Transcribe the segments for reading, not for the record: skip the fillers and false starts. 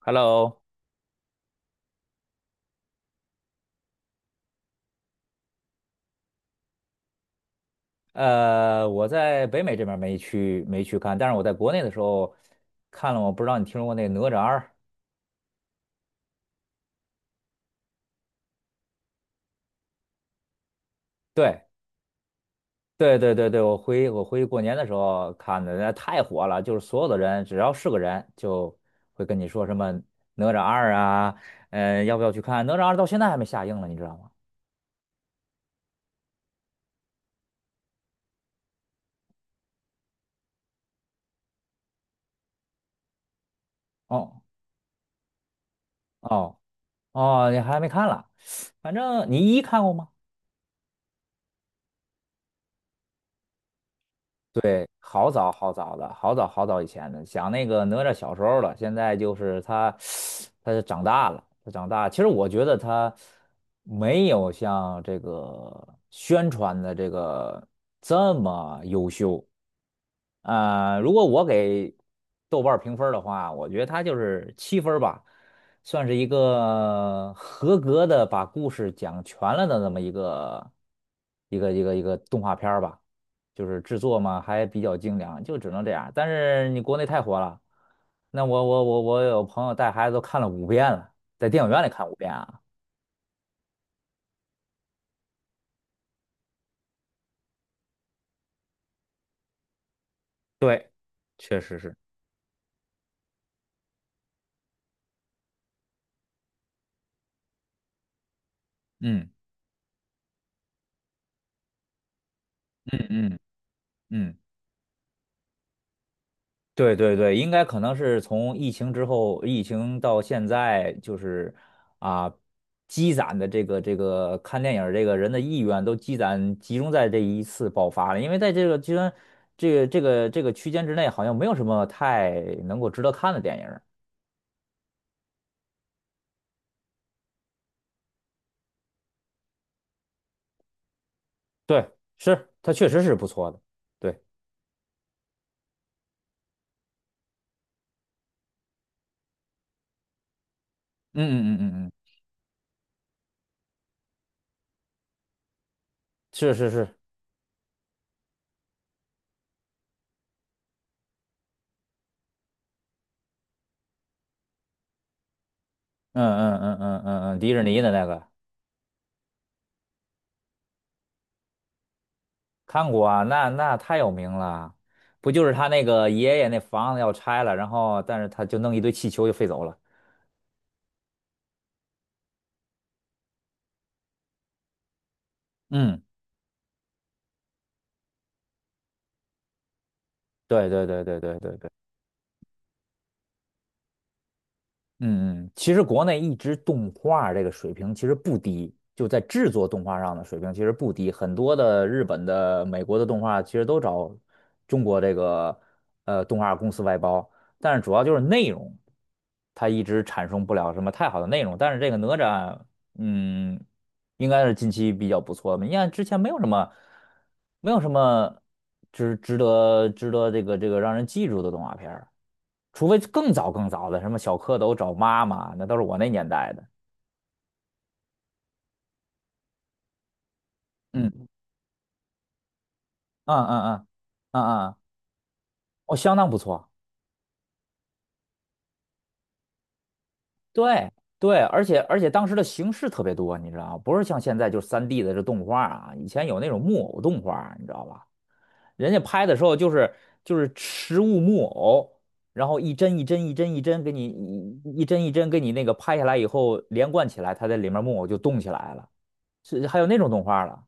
Hello，我在北美这边儿没去看，但是我在国内的时候看了，我不知道你听说过那个哪吒二？对对对对对，我回去过年的时候看的，那太火了，就是所有的人只要是个人就会跟你说什么哪吒二啊，要不要去看？哪吒二到现在还没下映了，你知道吗？哦哦哦，你还没看了，反正你一看过吗？对，好早好早的，好早好早以前的，想那个哪吒小时候了，现在就是他，他长大了，他长大。其实我觉得他没有像这个宣传的这个这么优秀。如果我给豆瓣儿评分儿的话，我觉得他就是7分儿吧，算是一个合格的把故事讲全了的那么一个动画片儿吧。就是制作嘛，还比较精良，就只能这样。但是你国内太火了，那我有朋友带孩子都看了五遍了，在电影院里看五遍啊。对，确实是，嗯嗯嗯嗯，对对对，应该可能是从疫情之后，疫情到现在，就是啊，积攒的这个看电影儿这个人的意愿都积攒集中在这一次爆发了，因为在这个居然这个区间之内，好像没有什么太能够值得看的电影。对，是，他确实是不错的。对，嗯嗯嗯嗯嗯，是是是，嗯嗯嗯嗯嗯嗯，迪士尼的那个看过啊，那那太有名了。不就是他那个爷爷那房子要拆了，然后但是他就弄一堆气球就飞走了。嗯，对对对对对对对。嗯嗯，其实国内一直动画这个水平其实不低，就在制作动画上的水平其实不低，很多的日本的、美国的动画其实都找中国这个动画公司外包，但是主要就是内容，它一直产生不了什么太好的内容。但是这个哪吒，嗯，应该是近期比较不错的，你看之前没有什么，没有什么值得这个这个让人记住的动画片儿。除非更早更早的，什么小蝌蚪找妈妈，那都是我那年代的。嗯嗯嗯嗯嗯嗯，哦，相当不错。对对，而且当时的形式特别多，你知道吗，不是像现在就是3D 的这动画啊，以前有那种木偶动画，你知道吧？人家拍的时候就是实物木偶，然后一帧一帧一帧一帧给你一帧一帧给你那个拍下来以后连贯起来，它在里面木偶就动起来了，是还有那种动画了。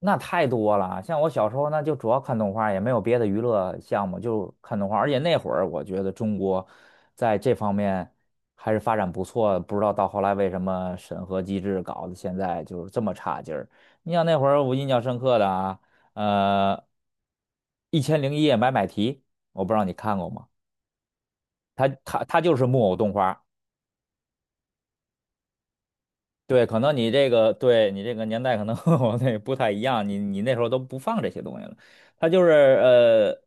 那太多了，像我小时候那就主要看动画，也没有别的娱乐项目，就看动画。而且那会儿我觉得中国在这方面还是发展不错，不知道到后来为什么审核机制搞得现在就是这么差劲儿。你像那会儿我印象深刻的啊，呃，《一千零一夜》买买提，我不知道你看过吗？它就是木偶动画，对，可能你这个对你这个年代可能和 我那不太一样，你那时候都不放这些东西了，他就是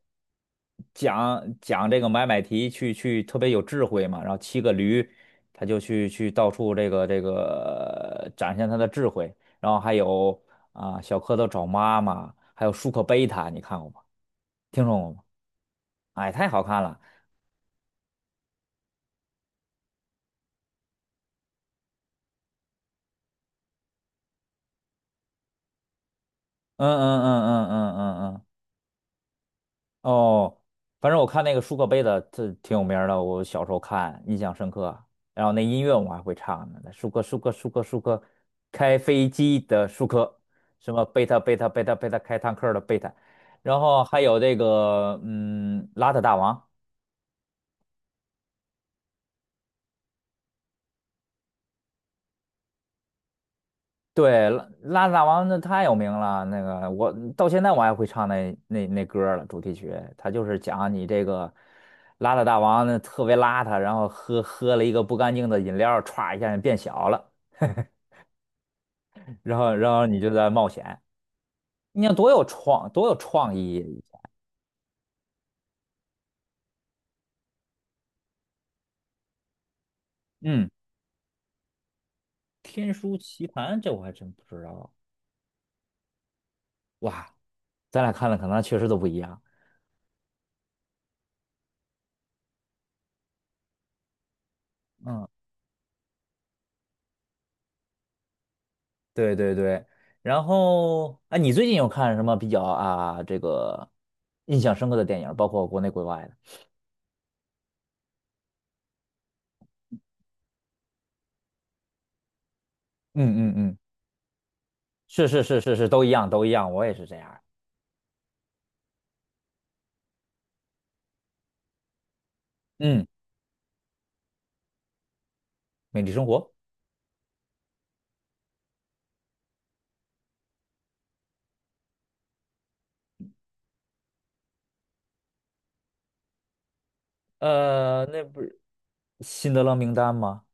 讲讲这个买买提去特别有智慧嘛，然后骑个驴，他就去到处这个展现他的智慧，然后还有啊、小蝌蚪找妈妈，还有舒克贝塔，你看过吗？听说过吗？哎，太好看了，嗯嗯嗯嗯嗯嗯嗯。嗯哦，反正我看那个舒克贝塔，这挺有名儿的，我小时候看，印象深刻。然后那音乐我还会唱呢，那舒克舒克舒克舒克，开飞机的舒克，什么贝塔贝塔贝塔贝塔开坦克的贝塔，然后还有这个嗯，邋遢大王。对，拉大王那太有名了，那个我到现在我还会唱那歌儿了，主题曲，他就是讲你这个邋遢大王呢特别邋遢，然后喝了一个不干净的饮料，歘一下就变小了，然后你就在冒险，你看多有创意，嗯，《天书奇谭》这我还真不知道，哇，咱俩看的可能确实都不一样，嗯。对对对，然后啊，你最近有看什么比较啊这个印象深刻的电影，包括国内国外的？嗯嗯嗯是是是是是，都一样都一样，我也是这样儿嗯，美丽生活，那不是辛德勒名单吗？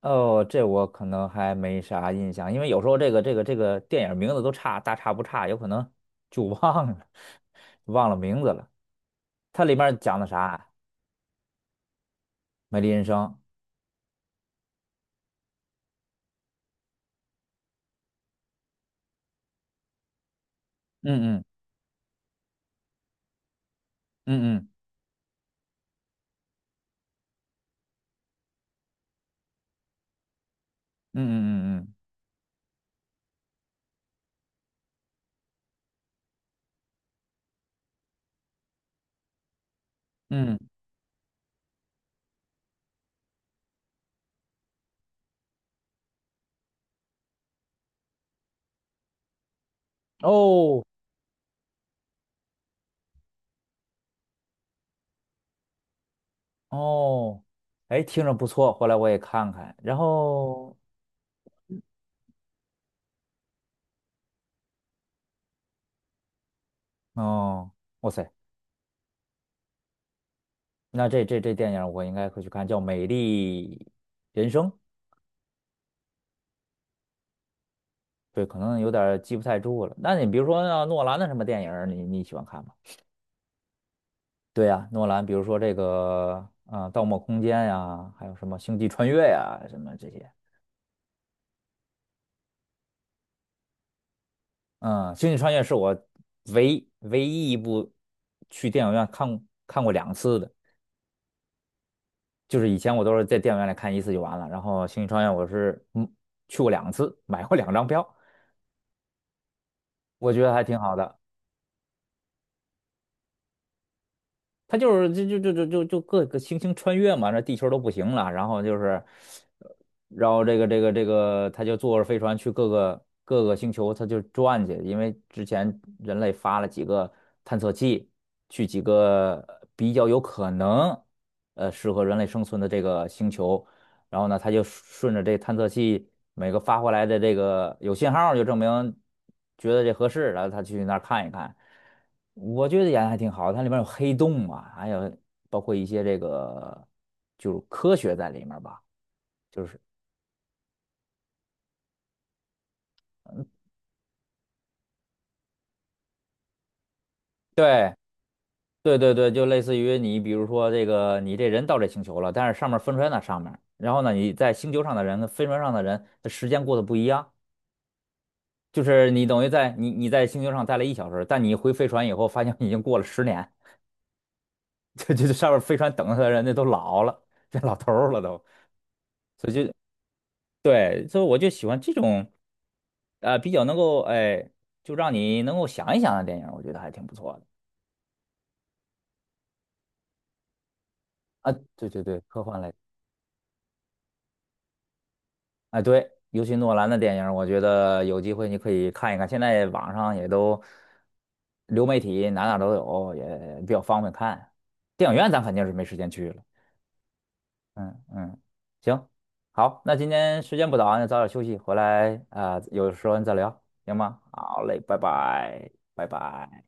哦，这我可能还没啥印象，因为有时候这个电影名字都差大差不差，有可能就忘了 忘了名字了。它里面讲的啥啊？美丽人生。嗯嗯嗯嗯嗯嗯嗯嗯。嗯，哦哦，哎，听着不错，回来我也看看。然后，哦，哇塞，那这电影我应该会去看，叫《美丽人生》。对，可能有点儿记不太住了。那你比如说啊诺兰的什么电影儿你喜欢看吗？对呀、诺兰，比如说这个啊，盗梦空间》呀，还有什么《星际穿越》呀，什么这些。嗯，《星际穿越》是我唯一一部去电影院看过两次的。就是以前我都是在电影院里看一次就完了，然后《星际穿越》我是去过两次，买过2张票，我觉得还挺好的。它就是就就就就就就各个星星穿越嘛，那地球都不行了，然后就是，呃然后这个，他就坐着飞船去各个星球，他就转去，因为之前人类发了几个探测器，去几个比较有可能适合人类生存的这个星球。然后呢，他就顺着这探测器每个发回来的这个有信号就证明觉得这合适，然后他去那儿看一看。我觉得演的还挺好，它里面有黑洞嘛，还有包括一些这个就是科学在里面吧。对对对对，就类似于你比如说这个你这人到这星球了，但是上面分出来那上面然后呢你在星球上的人跟飞船上的人，他时间过得不一样。就是你等于在你在星球上待了1小时，但你回飞船以后，发现已经过了10年。这这这 上面飞船等着他的人，家都老了，变老头儿了都，所以就对，所以我就喜欢这种，比较能够哎，就让你能够想一想的电影，我觉得还挺不错的啊。对对对，科幻类，哎对，尤其诺兰的电影，我觉得有机会你可以看一看，现在网上也都流媒体哪哪都有，也比较方便看。电影院咱肯定是没时间去了。嗯嗯，行，好，那今天时间不早啊，那早点休息，回来啊，有时间再聊，行吗？好嘞，拜拜，拜拜。